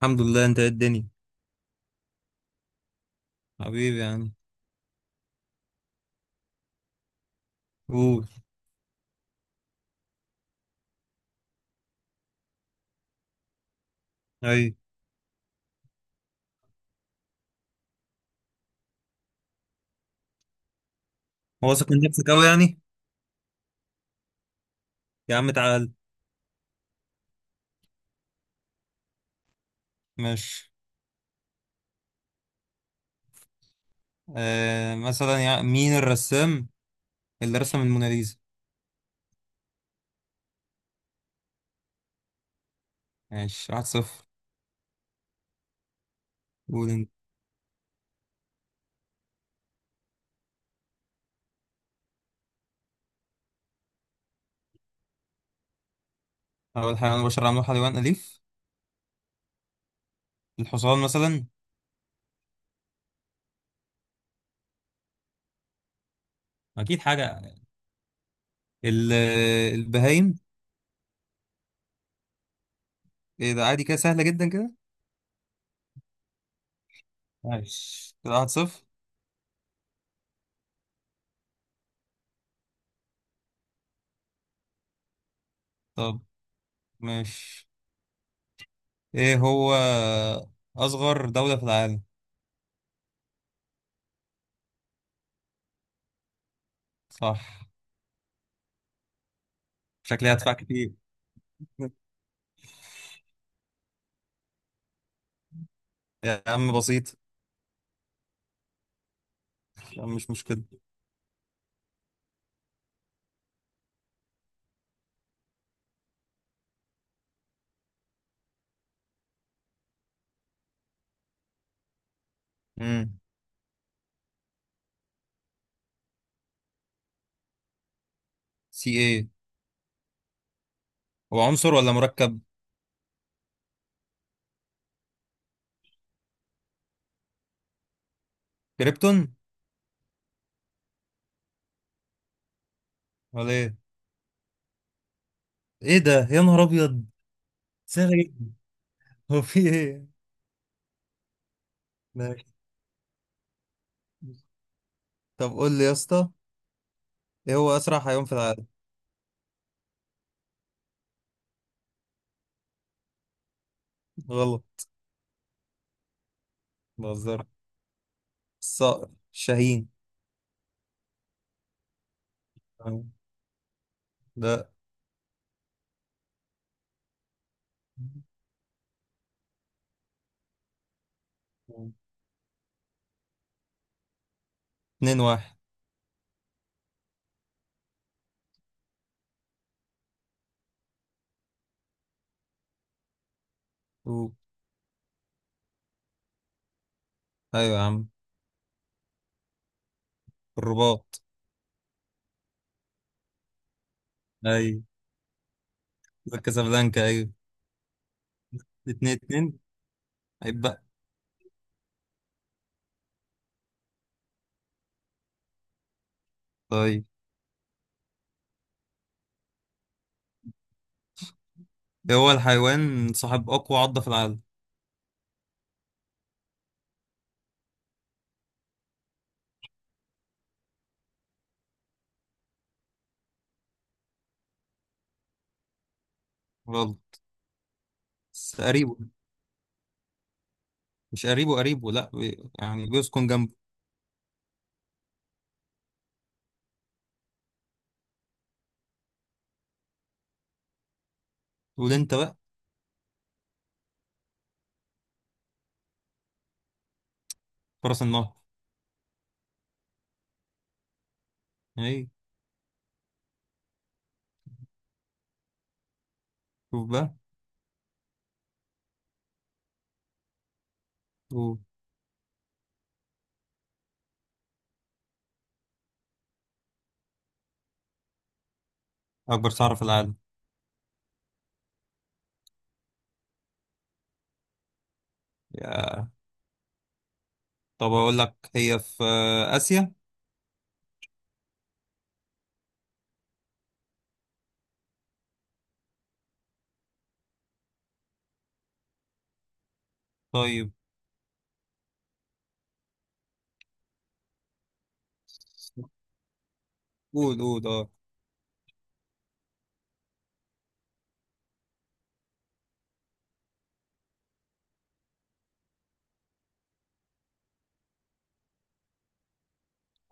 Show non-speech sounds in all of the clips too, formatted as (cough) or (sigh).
الحمد لله، انت ايه الدنيا؟ حبيبي يعني. قول. اي. واثق من نفسك قوي يعني؟ يا عم تعال. ماشي. مثلا يعني مين الرسام اللي رسم الموناليزا؟ ماشي، واحد صفر. قول انت. اول حاجه انا بشر عملوها حيوان اليف؟ الحصان مثلا. اكيد حاجه يعني. ال- البهايم. ايه ده، عادي كده، سهله جدا كده. ماشي كده، واحد صفر. طب ماشي، ايه هو اصغر دوله في العالم؟ صح. شكلي هدفع كتير. (laughs) يا عم بسيط، يعني مش مشكلة. امم سي ايه؟ هو عنصر ولا مركب؟ كريبتون؟ ولا ايه؟ ايه ده يا نهار ابيض! سهلة جدا. (laughs) هو في ايه؟ ماشي. طب قول لي يا اسطى، ايه هو اسرع حيوان في العالم؟ غلط. بهزر. الصقر شاهين. تمام. لا. اتنين واحد. أوه. ايوه يا عم. الرباط. ايوه، كازابلانكا، ايوه. اتنين اتنين، عيب بقى. طيب، ايه هو الحيوان صاحب اقوى عضة في العالم؟ غلط. قريب. مش قريبه قريبه، لا، يعني بيسكن جنبه. تقول انت بقى. فرس النهر. اي. شوف بقى. شوف. اكبر صحراء في العالم؟ يا طب اقول لك هي في اسيا. طيب قول قول اه.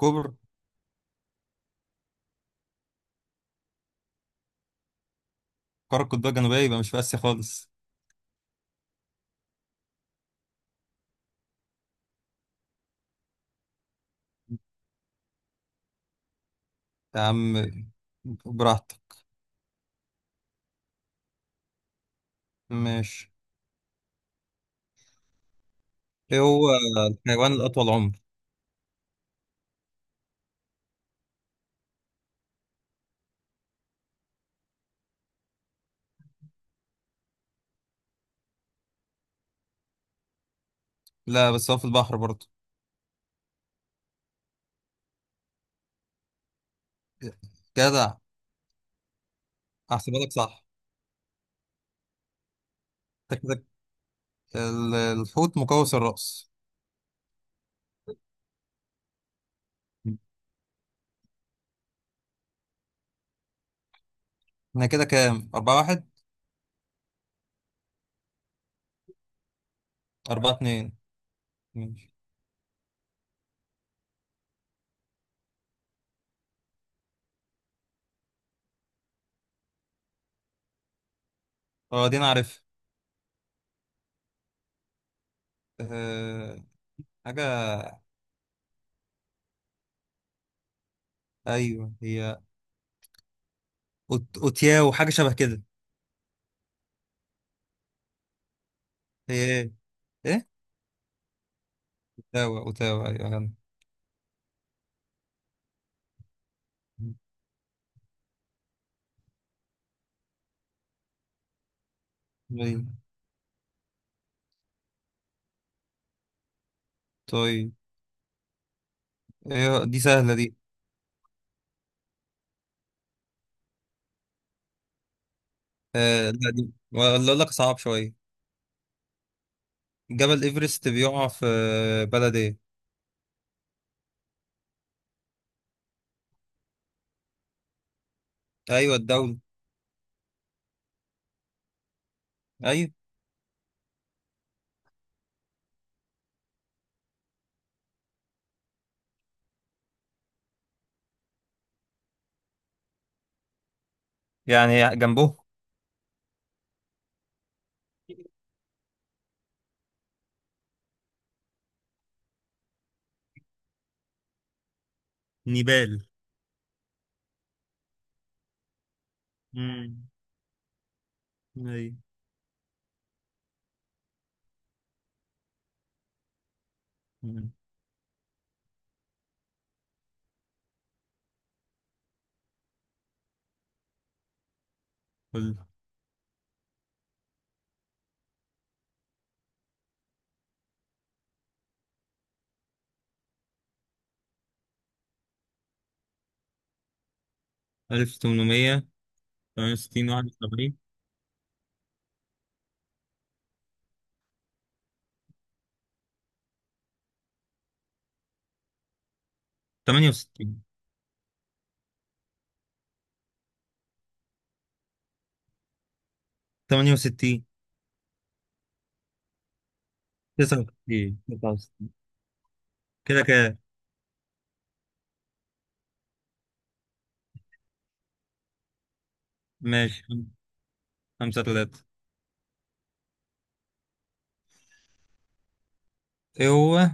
كبر. قارة قطبية جنوبية يبقى مش في اسيا خالص. يا عم براحتك. ماشي. ايه هو الحيوان الاطول عمر؟ لا، بس هو في البحر برضه. جدع، احسبها لك صح. انت كده. الحوت مقوس الرأس. احنا كده كام، أربعة واحد؟ أربعة اتنين، ماشي. اه دي انا عارف. أه، حاجة. ايوه هي اوتياو، حاجة شبه كده. هي ايه؟ ايه؟ اوتاوا، اوتاوا، ايوه يعني. أيوة. طيب، ايه دي سهلة دي. أه لا، دي ولا اقول لك صعب شوية. جبل ايفرست بيقع في بلد ايه؟ ايوه، الدولة. ايوه، يعني جنبه. نيبال. امم. ايوه. مم. قول. 1800. 68، 71. 68، 68، 69. 69. كده كده. ماشي، خمسة تلاتة. ايه هو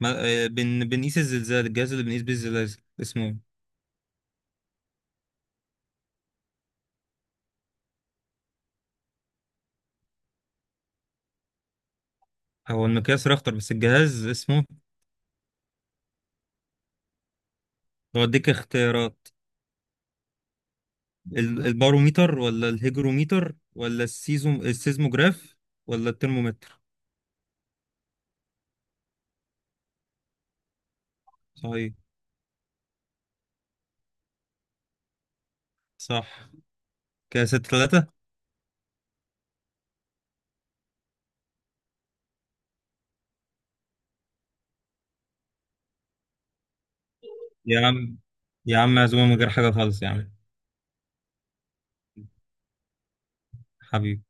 بنقيس الزلزال، الجهاز اللي بنقيس بيه الزلازل اسمه ايه؟ هو المقياس رختر، بس الجهاز اسمه؟ بوديك اختيارات. الباروميتر ولا الهيجروميتر ولا السيزموجراف ولا الترمومتر؟ صحيح. صح. كده ستة تلاتة. يا عم، يا عم معزومة من غير حاجة خالص يا عم. حبيبي.